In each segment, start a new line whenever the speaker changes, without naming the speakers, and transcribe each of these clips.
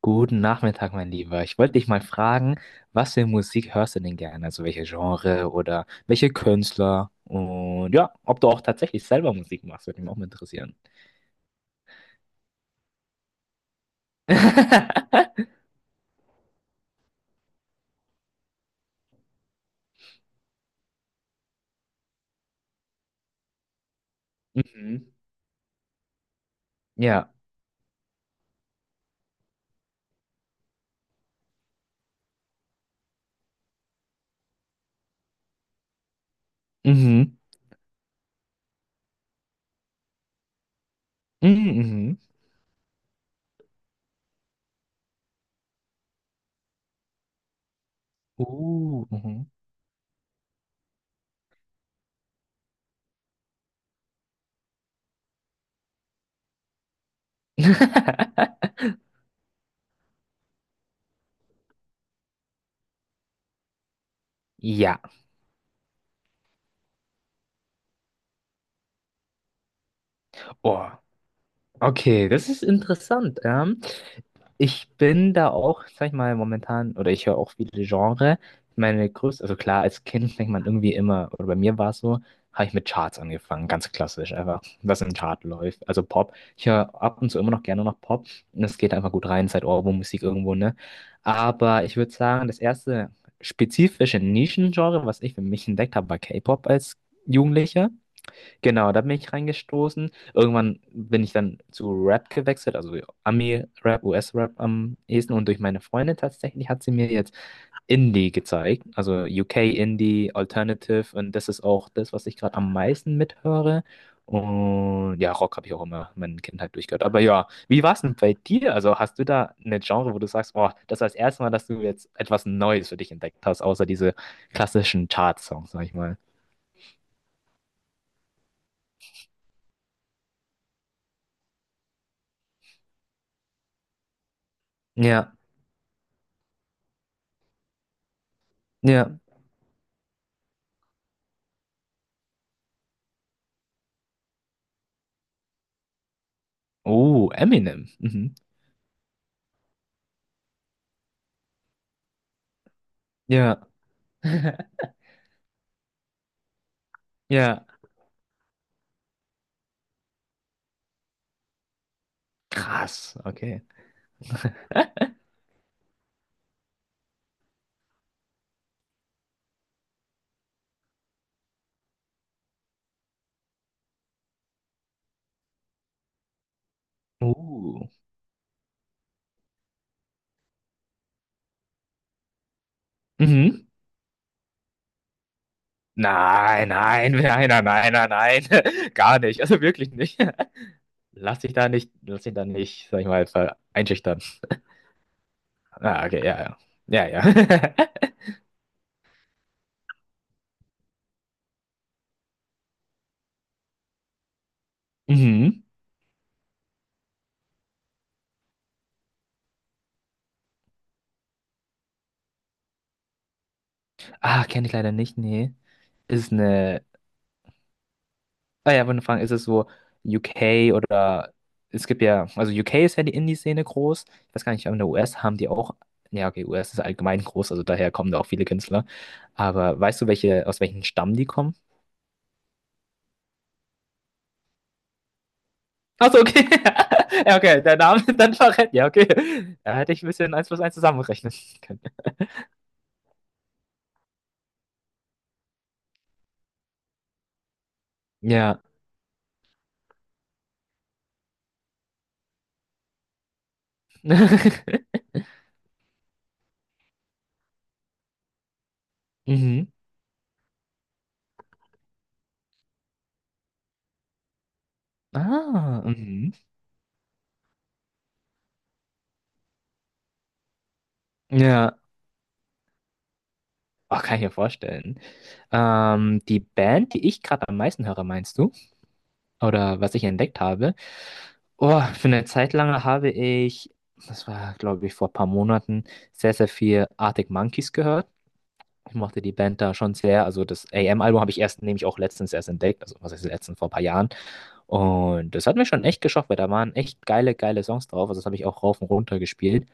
Guten Nachmittag, mein Lieber. Ich wollte dich mal fragen, was für Musik hörst du denn gerne? Also welche Genre oder welche Künstler? Und ja, ob du auch tatsächlich selber Musik machst, würde mich auch mal interessieren. Mhm. Ja. Mhm. Mhm. Mhm. Mhm. Ja. Oh. Okay, das ist interessant. Ich bin da auch, sag ich mal, momentan, oder ich höre auch viele Genre. Meine größte, also klar, als Kind fängt man irgendwie immer, oder bei mir war es so, habe ich mit Charts angefangen, ganz klassisch, einfach, was im Chart läuft. Also Pop. Ich höre ab und zu immer noch gerne noch Pop. Und es geht einfach gut rein, seit Ohrwurm-Musik irgendwo, ne? Aber ich würde sagen, das erste spezifische Nischengenre, was ich für mich entdeckt habe, war K-Pop als Jugendlicher. Genau, da bin ich reingestoßen. Irgendwann bin ich dann zu Rap gewechselt, also Ami-Rap, US-Rap am ehesten. Und durch meine Freundin tatsächlich hat sie mir jetzt Indie gezeigt, also UK-Indie, Alternative. Und das ist auch das, was ich gerade am meisten mithöre. Und ja, Rock habe ich auch immer meine Kindheit durchgehört. Aber ja, wie war es denn bei dir? Also hast du da eine Genre, wo du sagst, oh, das war das erste Mal, dass du jetzt etwas Neues für dich entdeckt hast, außer diese klassischen Chart-Songs, sag ich mal. Ja, ja. Oh, Eminem. Mhm. Ja. Ja. Krass. Okay. Oh. Mhm. Nein, nein, nein, nein, nein, nein, nein. Gar nicht. Also wirklich nicht. Lass dich da nicht, sag ich mal, einschüchtern. Ah, okay, ja, ja. Ja, ja. Mhm. Ah, kenne ich leider nicht, nee. Ist es eine Ah, ja, wenn du fragst, ist es so UK oder es gibt ja, also UK ist ja die Indie-Szene groß. Ich weiß gar nicht, aber in der US haben die auch, ja, okay, US ist allgemein groß, also daher kommen da auch viele Künstler. Aber weißt du, welche, aus welchem Stamm die kommen? Achso, okay. Ja, okay, der Name dann verrät. Ja, okay. Da hätte ich ein bisschen eins plus eins zusammenrechnen können. Ja. Mhm. Ah, mhm. Ja. Oh, kann ich mir vorstellen. Die Band, die ich gerade am meisten höre, meinst du? Oder was ich entdeckt habe. Oh, für eine Zeit lang habe ich, das war glaube ich vor ein paar Monaten, sehr, sehr viel Arctic Monkeys gehört. Ich mochte die Band da schon sehr. Also das AM-Album habe ich erst nämlich auch letztens erst entdeckt. Also was heißt letztens, vor ein paar Jahren. Und das hat mir schon echt geschockt, weil da waren echt geile, geile Songs drauf. Also das habe ich auch rauf und runter gespielt.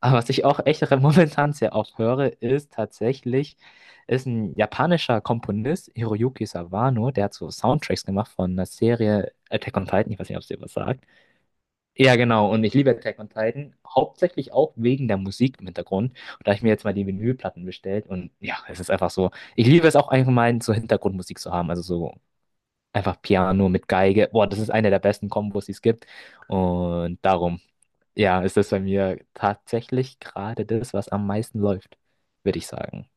Aber was ich auch echt momentan sehr oft höre, ist tatsächlich, ist ein japanischer Komponist, Hiroyuki Sawano, der hat so Soundtracks gemacht von einer Serie Attack on Titan. Ich weiß nicht, ob es dir was sagt. Ja, genau. Und ich liebe Attack on Titan, hauptsächlich auch wegen der Musik im Hintergrund. Und da habe ich mir jetzt mal die Vinylplatten bestellt. Und ja, es ist einfach so. Ich liebe es auch allgemein, so Hintergrundmusik zu haben. Also so einfach Piano mit Geige. Boah, das ist eine der besten Kombos, die es gibt. Und darum, ja, ist das bei mir tatsächlich gerade das, was am meisten läuft, würde ich sagen.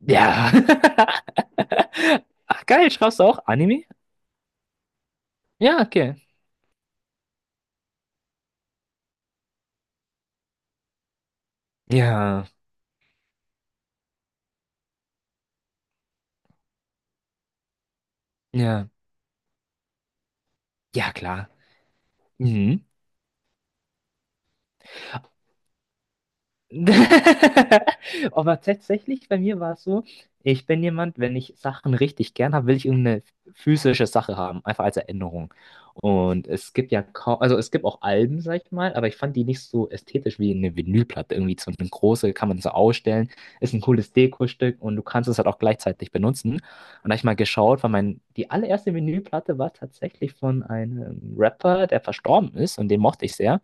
Ja. Ach, geil, schaust du auch Anime? Ja, okay. Ja, ja, ja, klar. Mhm. Aber tatsächlich, bei mir war es so, ich bin jemand, wenn ich Sachen richtig gern habe, will ich irgendeine physische Sache haben, einfach als Erinnerung. Und es gibt ja kaum, also es gibt auch Alben, sag ich mal, aber ich fand die nicht so ästhetisch wie eine Vinylplatte. Irgendwie so eine große, kann man so ausstellen, ist ein cooles Dekostück und du kannst es halt auch gleichzeitig benutzen. Und da habe ich mal geschaut, weil mein, die allererste Vinylplatte war tatsächlich von einem Rapper, der verstorben ist und den mochte ich sehr.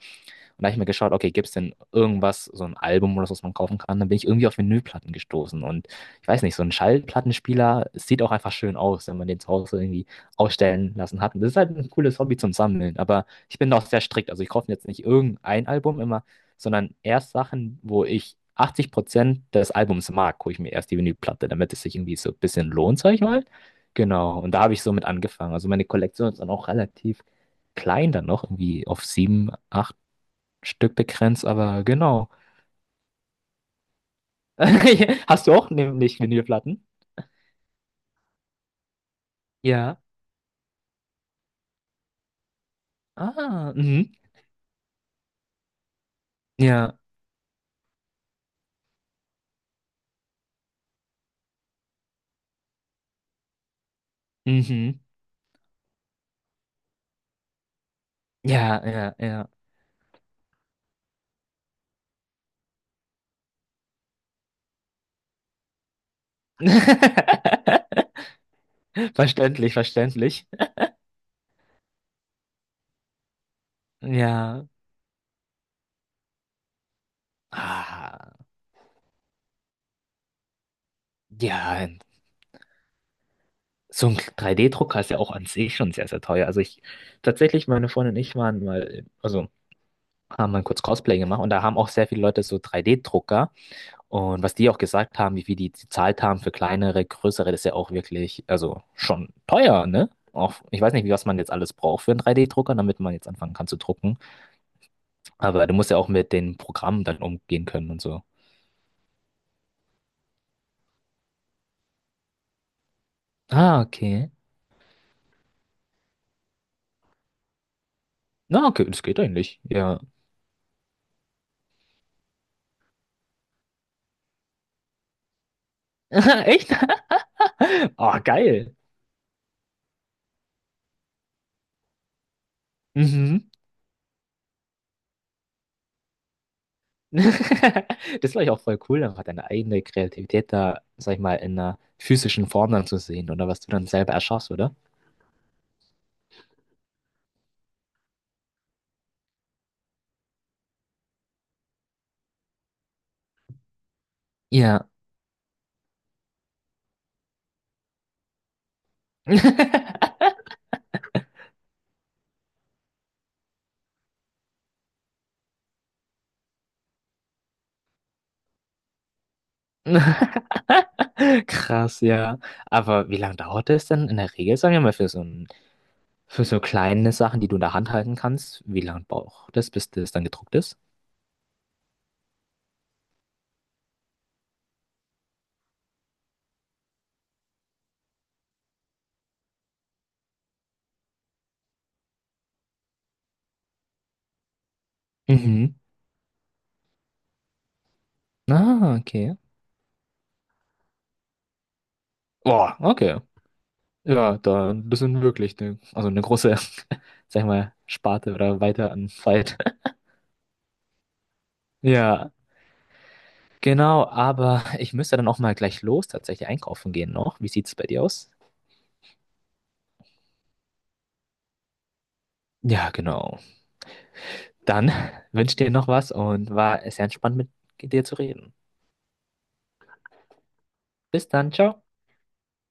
Und da habe ich mir geschaut, okay, gibt es denn irgendwas, so ein Album oder so, was man kaufen kann? Dann bin ich irgendwie auf Vinylplatten gestoßen. Und ich weiß nicht, so ein Schallplattenspieler sieht auch einfach schön aus, wenn man den zu Hause irgendwie ausstellen lassen hat. Und das ist halt ein cooles Hobby zum Sammeln. Aber ich bin da auch sehr strikt. Also ich kaufe jetzt nicht irgendein Album immer, sondern erst Sachen, wo ich 80% des Albums mag, hole ich mir erst die Vinylplatte, damit es sich irgendwie so ein bisschen lohnt, sag ich mal. Genau, und da habe ich so mit angefangen. Also meine Kollektion ist dann auch relativ klein dann noch, irgendwie auf sieben, acht Stück begrenzt, aber genau. Hast du auch nämlich Vinylplatten? Ja. Ah, mhm. Ja. Mhm. Ja, ja, ja. Verständlich, verständlich. Ja. Ah, ja, so ein 3D-Drucker ist ja auch an sich schon sehr, sehr teuer. Also ich, tatsächlich, meine Freundin und ich waren mal, also haben mal kurz Cosplay gemacht und da haben auch sehr viele Leute so 3D-Drucker. Und was die auch gesagt haben, wie viel die gezahlt haben für kleinere, größere, das ist ja auch wirklich, also schon teuer, ne? Auch, ich weiß nicht, wie was man jetzt alles braucht für einen 3D-Drucker, damit man jetzt anfangen kann zu drucken. Aber du musst ja auch mit den Programmen dann umgehen können und so. Ah, okay. Na, okay, das geht eigentlich. Ja. Echt? Oh, geil. Mhm. Das war ich auch voll cool, einfach deine eigene Kreativität da, sag ich mal, in einer physischen Form dann zu sehen oder was du dann selber erschaffst, oder? Ja. Krass, ja. Aber wie lange dauert es denn in der Regel, sagen wir mal, für so ein, für so kleine Sachen, die du in der Hand halten kannst? Wie lange braucht das, bis das dann gedruckt ist? Mhm. Ah, okay. Boah, okay. Ja, da, das sind wirklich eine, also eine große, sag ich mal, Sparte oder weiter an Zeit. Ja, genau, aber ich müsste dann auch mal gleich los tatsächlich einkaufen gehen noch. Wie sieht's bei dir aus? Ja, genau. Dann wünsche dir noch was und war sehr entspannt mit dir zu reden. Bis dann, ciao.